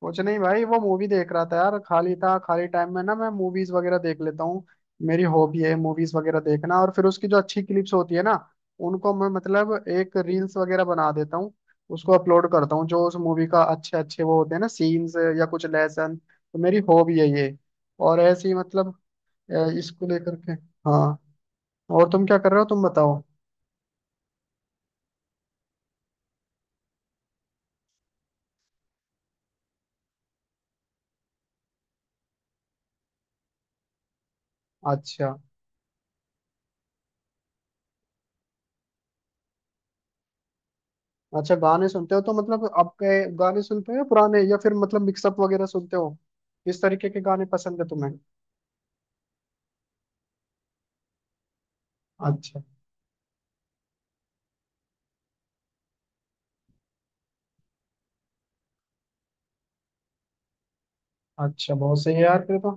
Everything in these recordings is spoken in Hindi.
कुछ नहीं भाई, वो मूवी देख रहा था यार। खाली था, खाली टाइम में ना मैं मूवीज वगैरह देख लेता हूँ। मेरी हॉबी है मूवीज वगैरह देखना, और फिर उसकी जो अच्छी क्लिप्स होती है ना उनको मैं मतलब एक रील्स वगैरह बना देता हूँ। उसको अपलोड करता हूँ, जो उस मूवी का अच्छे अच्छे वो होते हैं ना सीन्स या कुछ लेसन, तो मेरी हॉबी है ये। और ऐसी मतलब इसको लेकर के। हाँ। और तुम क्या कर रहे हो, तुम बताओ। अच्छा, अच्छा गाने सुनते हो तो मतलब आपके, गाने सुनते हो या पुराने या फिर मतलब मिक्सअप वगैरह सुनते हो? किस तरीके के गाने पसंद है तुम्हें? अच्छा। अच्छा बहुत सही है यार फिर तो।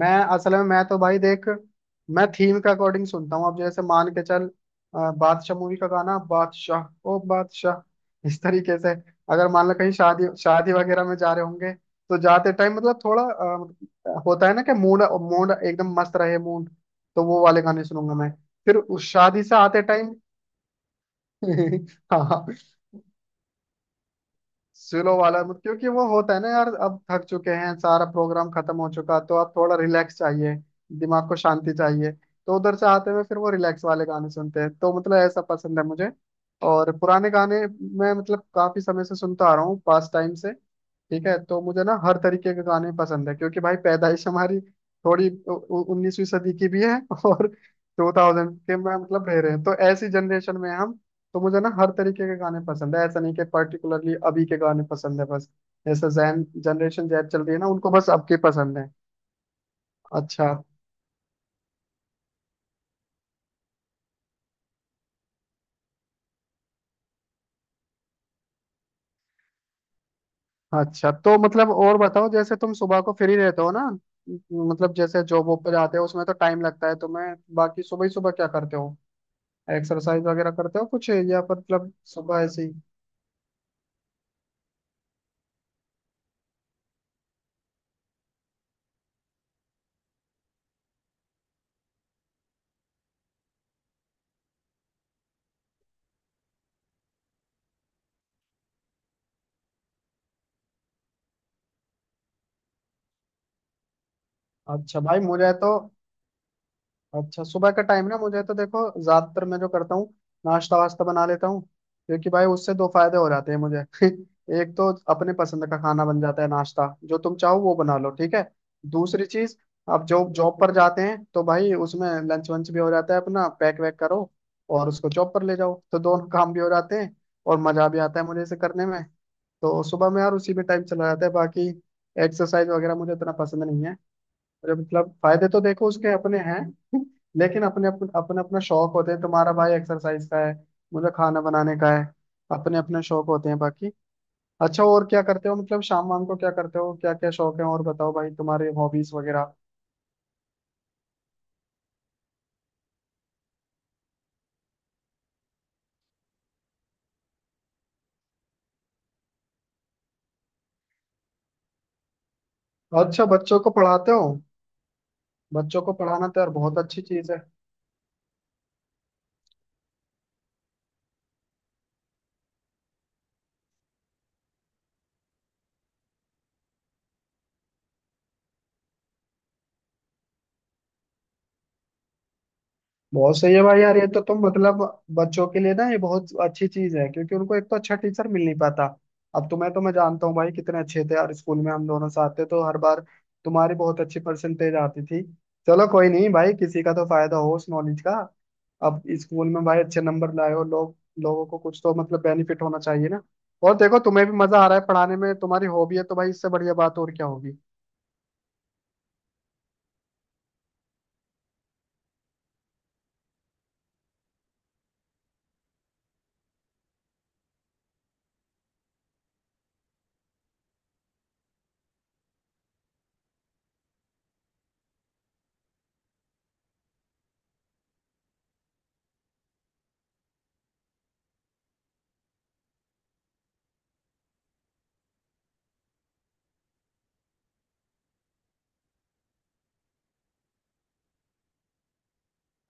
मैं असल में मैं तो भाई देख, मैं थीम के अकॉर्डिंग सुनता हूँ। अब जैसे मान के चल बादशाह मूवी का गाना, बादशाह ओ बादशाह, इस तरीके से। अगर मान लो कहीं शादी शादी वगैरह में जा रहे होंगे, तो जाते टाइम मतलब थोड़ा होता है ना कि मूड, मूड एकदम मस्त रहे मूड, तो वो वाले गाने सुनूंगा मैं। फिर उस शादी से आते टाइम हाँ, स्लो वाला मत- क्योंकि वो होता है ना यार, अब थक चुके हैं, सारा प्रोग्राम खत्म हो चुका, तो अब थोड़ा रिलैक्स चाहिए। दिमाग को शांति चाहिए, तो उधर से आते हुए फिर वो रिलैक्स वाले गाने सुनते हैं, तो मतलब ऐसा पसंद है मुझे। और पुराने गाने मैं मतलब काफी समय से सुनता आ रहा हूँ पास टाइम से। ठीक है, तो मुझे ना हर तरीके के गाने पसंद है, क्योंकि भाई पैदाइश हमारी थोड़ी 19वीं सदी की भी है और टू थाउजेंड के में मतलब रह रहे हैं, तो ऐसी जनरेशन में हम। तो मुझे ना हर तरीके के गाने पसंद है, ऐसा नहीं कि पर्टिकुलरली अभी के गाने पसंद है बस। जैसे जैन जनरेशन जैद चल रही है ना, उनको बस अब के पसंद है। अच्छा। अच्छा तो मतलब और बताओ, जैसे तुम सुबह को फ्री रहते हो ना, मतलब जैसे जॉब वॉब पे जाते हो उसमें तो टाइम लगता है तुम्हें, बाकी सुबह ही सुबह क्या करते हो? एक्सरसाइज वगैरह करते हो कुछ, या मतलब सुबह ऐसे ही? अच्छा भाई, मुझे तो, अच्छा सुबह का टाइम ना मुझे तो देखो, ज्यादातर मैं जो करता हूँ नाश्ता वास्ता बना लेता हूँ। क्योंकि भाई उससे दो फायदे हो जाते हैं मुझे। एक तो अपने पसंद का खाना बन जाता है, नाश्ता जो तुम चाहो वो बना लो, ठीक है। दूसरी चीज, आप जो जॉब पर जाते हैं तो भाई उसमें लंच वंच भी हो जाता है, अपना पैक वैक करो और उसको जॉब पर ले जाओ, तो दोनों काम भी हो जाते हैं और मजा भी आता है मुझे इसे करने में। तो सुबह में यार उसी में टाइम चला जाता है, बाकी एक्सरसाइज वगैरह मुझे इतना पसंद नहीं है। अरे मतलब फायदे तो देखो उसके अपने हैं। लेकिन अपने अपने अपने अपना शौक होते हैं, तुम्हारा भाई एक्सरसाइज का है, मुझे खाना बनाने का है। अपने अपने शौक होते हैं बाकी। अच्छा, और क्या करते हो, मतलब शाम वाम को क्या करते हो? क्या क्या शौक है और, बताओ भाई तुम्हारे हॉबीज वगैरह। अच्छा, बच्चों को पढ़ाते हो? बच्चों को पढ़ाना तो यार बहुत अच्छी चीज है। बहुत सही है भाई यार, ये तो तुम मतलब बच्चों के लिए ना ये बहुत अच्छी चीज है, क्योंकि उनको एक तो अच्छा टीचर मिल नहीं पाता। अब तुम्हें तो मैं जानता हूँ भाई, कितने अच्छे थे यार, स्कूल में हम दोनों साथ थे, तो हर बार तुम्हारी बहुत अच्छी परसेंटेज आती थी। चलो कोई नहीं भाई, किसी का तो फायदा हो उस नॉलेज का। अब स्कूल में भाई अच्छे नंबर लाए हो लोग, लोगों को कुछ तो मतलब बेनिफिट होना चाहिए ना। और देखो तुम्हें भी मजा आ रहा है पढ़ाने में, तुम्हारी हॉबी है, तो भाई इससे बढ़िया बात और क्या होगी।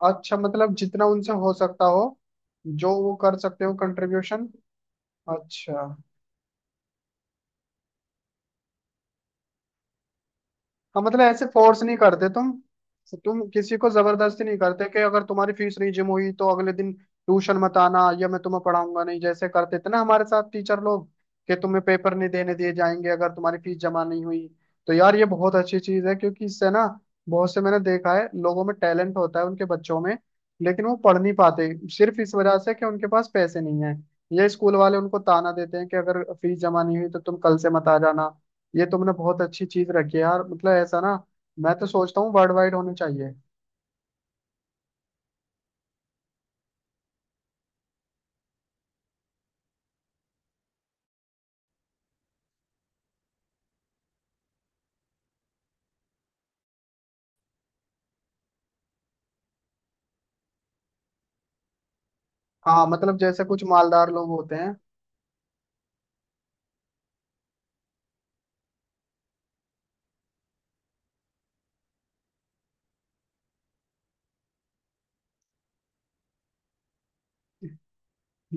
अच्छा, मतलब जितना उनसे हो सकता हो, जो वो कर सकते हो कंट्रीब्यूशन। अच्छा। हाँ मतलब ऐसे फोर्स नहीं करते तुम किसी को जबरदस्ती नहीं करते कि अगर तुम्हारी फीस नहीं जम हुई तो अगले दिन ट्यूशन मत आना, या मैं तुम्हें पढ़ाऊंगा नहीं, जैसे करते थे ना हमारे साथ टीचर लोग, कि तुम्हें पेपर नहीं देने दिए जाएंगे अगर तुम्हारी फीस जमा नहीं हुई। तो यार ये बहुत अच्छी चीज है, क्योंकि इससे ना, बहुत से मैंने देखा है लोगों में टैलेंट होता है, उनके बच्चों में, लेकिन वो पढ़ नहीं पाते सिर्फ इस वजह से कि उनके पास पैसे नहीं है। ये स्कूल वाले उनको ताना देते हैं कि अगर फीस जमा नहीं हुई तो तुम कल से मत आ जाना। ये तुमने बहुत अच्छी चीज रखी है यार, मतलब ऐसा ना, मैं तो सोचता हूँ वर्ल्ड वाइड होने चाहिए। हाँ मतलब जैसे कुछ मालदार लोग होते हैं।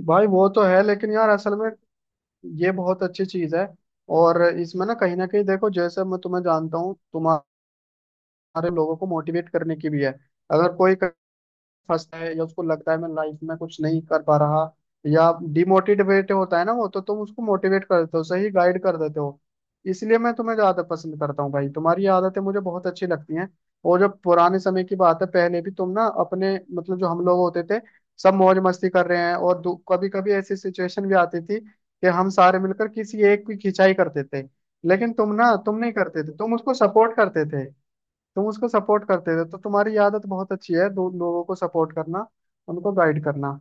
भाई वो तो है, लेकिन यार असल में ये बहुत अच्छी चीज है। और इसमें ना कहीं देखो, जैसे मैं तुम्हें जानता हूँ, तुम्हारे लोगों को मोटिवेट करने की भी है। अगर कोई फंसता है या उसको लगता है मैं लाइफ में कुछ नहीं कर पा रहा, या डिमोटिवेट होता है ना वो, तो तुम उसको मोटिवेट कर देते हो, सही गाइड कर देते हो। इसलिए मैं तुम्हें ज्यादा पसंद करता हूँ भाई, तुम्हारी ये आदतें मुझे बहुत अच्छी लगती हैं। और जब पुराने समय की बात है, पहले भी तुम ना अपने मतलब जो हम लोग होते थे, सब मौज मस्ती कर रहे हैं, और कभी कभी ऐसी सिचुएशन भी आती थी कि हम सारे मिलकर किसी एक की खिंचाई करते थे, लेकिन तुम ना, तुम नहीं करते थे, तुम उसको सपोर्ट करते थे। तुम उसको सपोर्ट करते थे, तो तुम्हारी आदत बहुत अच्छी है, दो लोगों को सपोर्ट करना, उनको गाइड करना।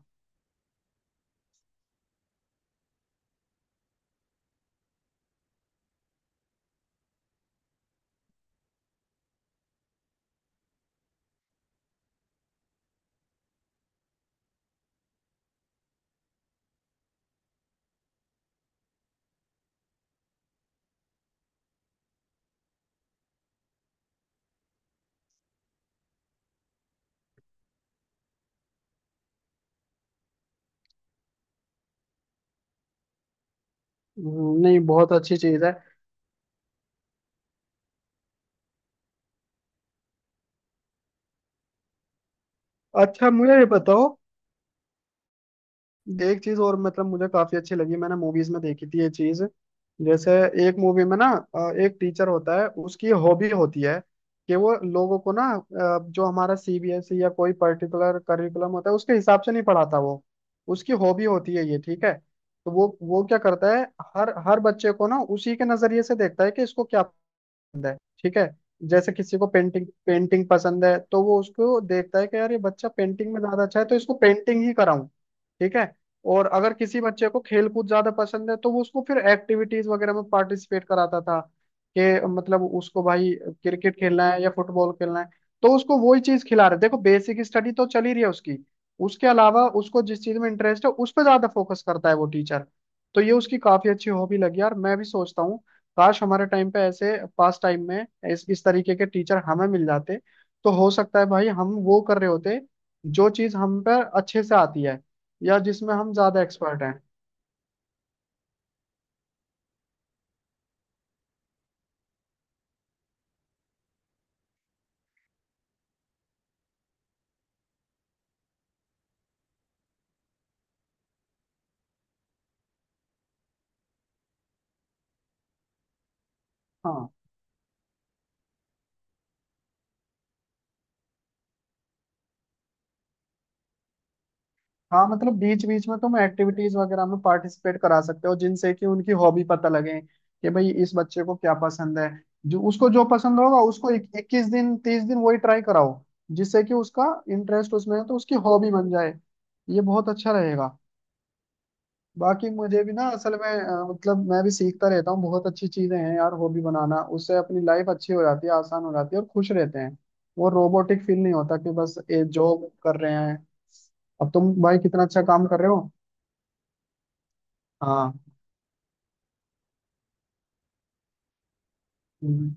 नहीं बहुत अच्छी चीज है। अच्छा मुझे ये बताओ, एक चीज और, मतलब मुझे काफी अच्छी लगी, मैंने मूवीज में देखी थी ये चीज। जैसे एक मूवी में ना एक टीचर होता है, उसकी हॉबी होती है कि वो लोगों को ना, जो हमारा सीबीएसई या कोई पर्टिकुलर करिकुलम होता है उसके हिसाब से नहीं पढ़ाता वो, उसकी हॉबी होती है ये, ठीक है। तो वो क्या करता है, हर हर बच्चे को ना उसी के नजरिए से देखता है कि इसको क्या पसंद है, ठीक है। जैसे किसी को पेंटिंग, पेंटिंग पसंद है, तो वो उसको देखता है कि यार ये बच्चा पेंटिंग में ज्यादा अच्छा है, तो इसको पेंटिंग ही कराऊं, ठीक है। और अगर किसी बच्चे को खेल कूद ज्यादा पसंद है, तो वो उसको फिर एक्टिविटीज वगैरह में पार्टिसिपेट कराता था, कि मतलब उसको भाई क्रिकेट खेलना है या फुटबॉल खेलना है, तो उसको वही चीज खिला रहे। देखो बेसिक स्टडी तो चल ही रही है उसकी, उसके अलावा उसको जिस चीज में इंटरेस्ट है उस पर ज्यादा फोकस करता है वो टीचर। तो ये उसकी काफी अच्छी हॉबी लगी यार, मैं भी सोचता हूँ काश हमारे टाइम पे ऐसे, पास टाइम में इस तरीके के टीचर हमें मिल जाते, तो हो सकता है भाई हम वो कर रहे होते जो चीज हम पर अच्छे से आती है, या जिसमें हम ज्यादा एक्सपर्ट हैं। हाँ। हाँ मतलब बीच बीच में तुम एक्टिविटीज वगैरह में पार्टिसिपेट करा सकते हो, जिनसे कि उनकी हॉबी पता लगे कि भाई इस बच्चे को क्या पसंद है। जो उसको जो पसंद होगा उसको 21 दिन, 30 दिन वही ट्राई कराओ, जिससे कि उसका इंटरेस्ट उसमें है तो उसकी हॉबी बन जाए। ये बहुत अच्छा रहेगा। बाकी मुझे भी ना असल में मतलब मैं भी सीखता रहता हूँ, बहुत अच्छी चीजें हैं यार हॉबी बनाना, उससे अपनी लाइफ अच्छी हो जाती है, आसान हो जाती है और खुश रहते हैं। वो रोबोटिक फील नहीं होता कि बस ये जॉब कर रहे हैं। अब तुम भाई कितना अच्छा काम कर रहे हो। हाँ। हम्म।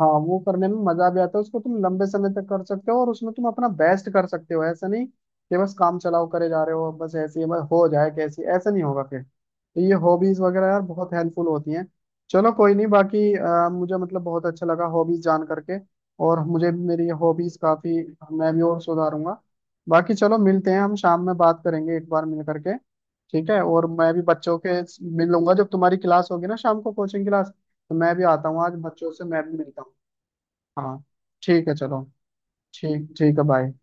हाँ, वो करने में मजा भी आता है, उसको तुम लंबे समय तक कर सकते हो और उसमें तुम अपना बेस्ट कर सकते हो। ऐसा नहीं कि बस काम चलाओ, करे जा रहे हो बस ऐसे ही, बस हो जाए कैसे, ऐसा नहीं होगा फिर। तो ये हॉबीज वगैरह यार बहुत हेल्पफुल होती हैं। चलो कोई नहीं, बाकी मुझे मतलब बहुत अच्छा लगा हॉबीज जान करके, और मुझे भी मेरी हॉबीज काफी, मैं भी और सुधारूंगा। बाकी चलो मिलते हैं, हम शाम में बात करेंगे एक बार मिल करके। ठीक है, और मैं भी बच्चों के, मिल लूंगा जब तुम्हारी क्लास होगी ना, शाम को कोचिंग क्लास, तो मैं भी आता हूँ आज, बच्चों से मैं भी मिलता हूँ। हाँ। ठीक है चलो, ठीक ठीक है, बाय।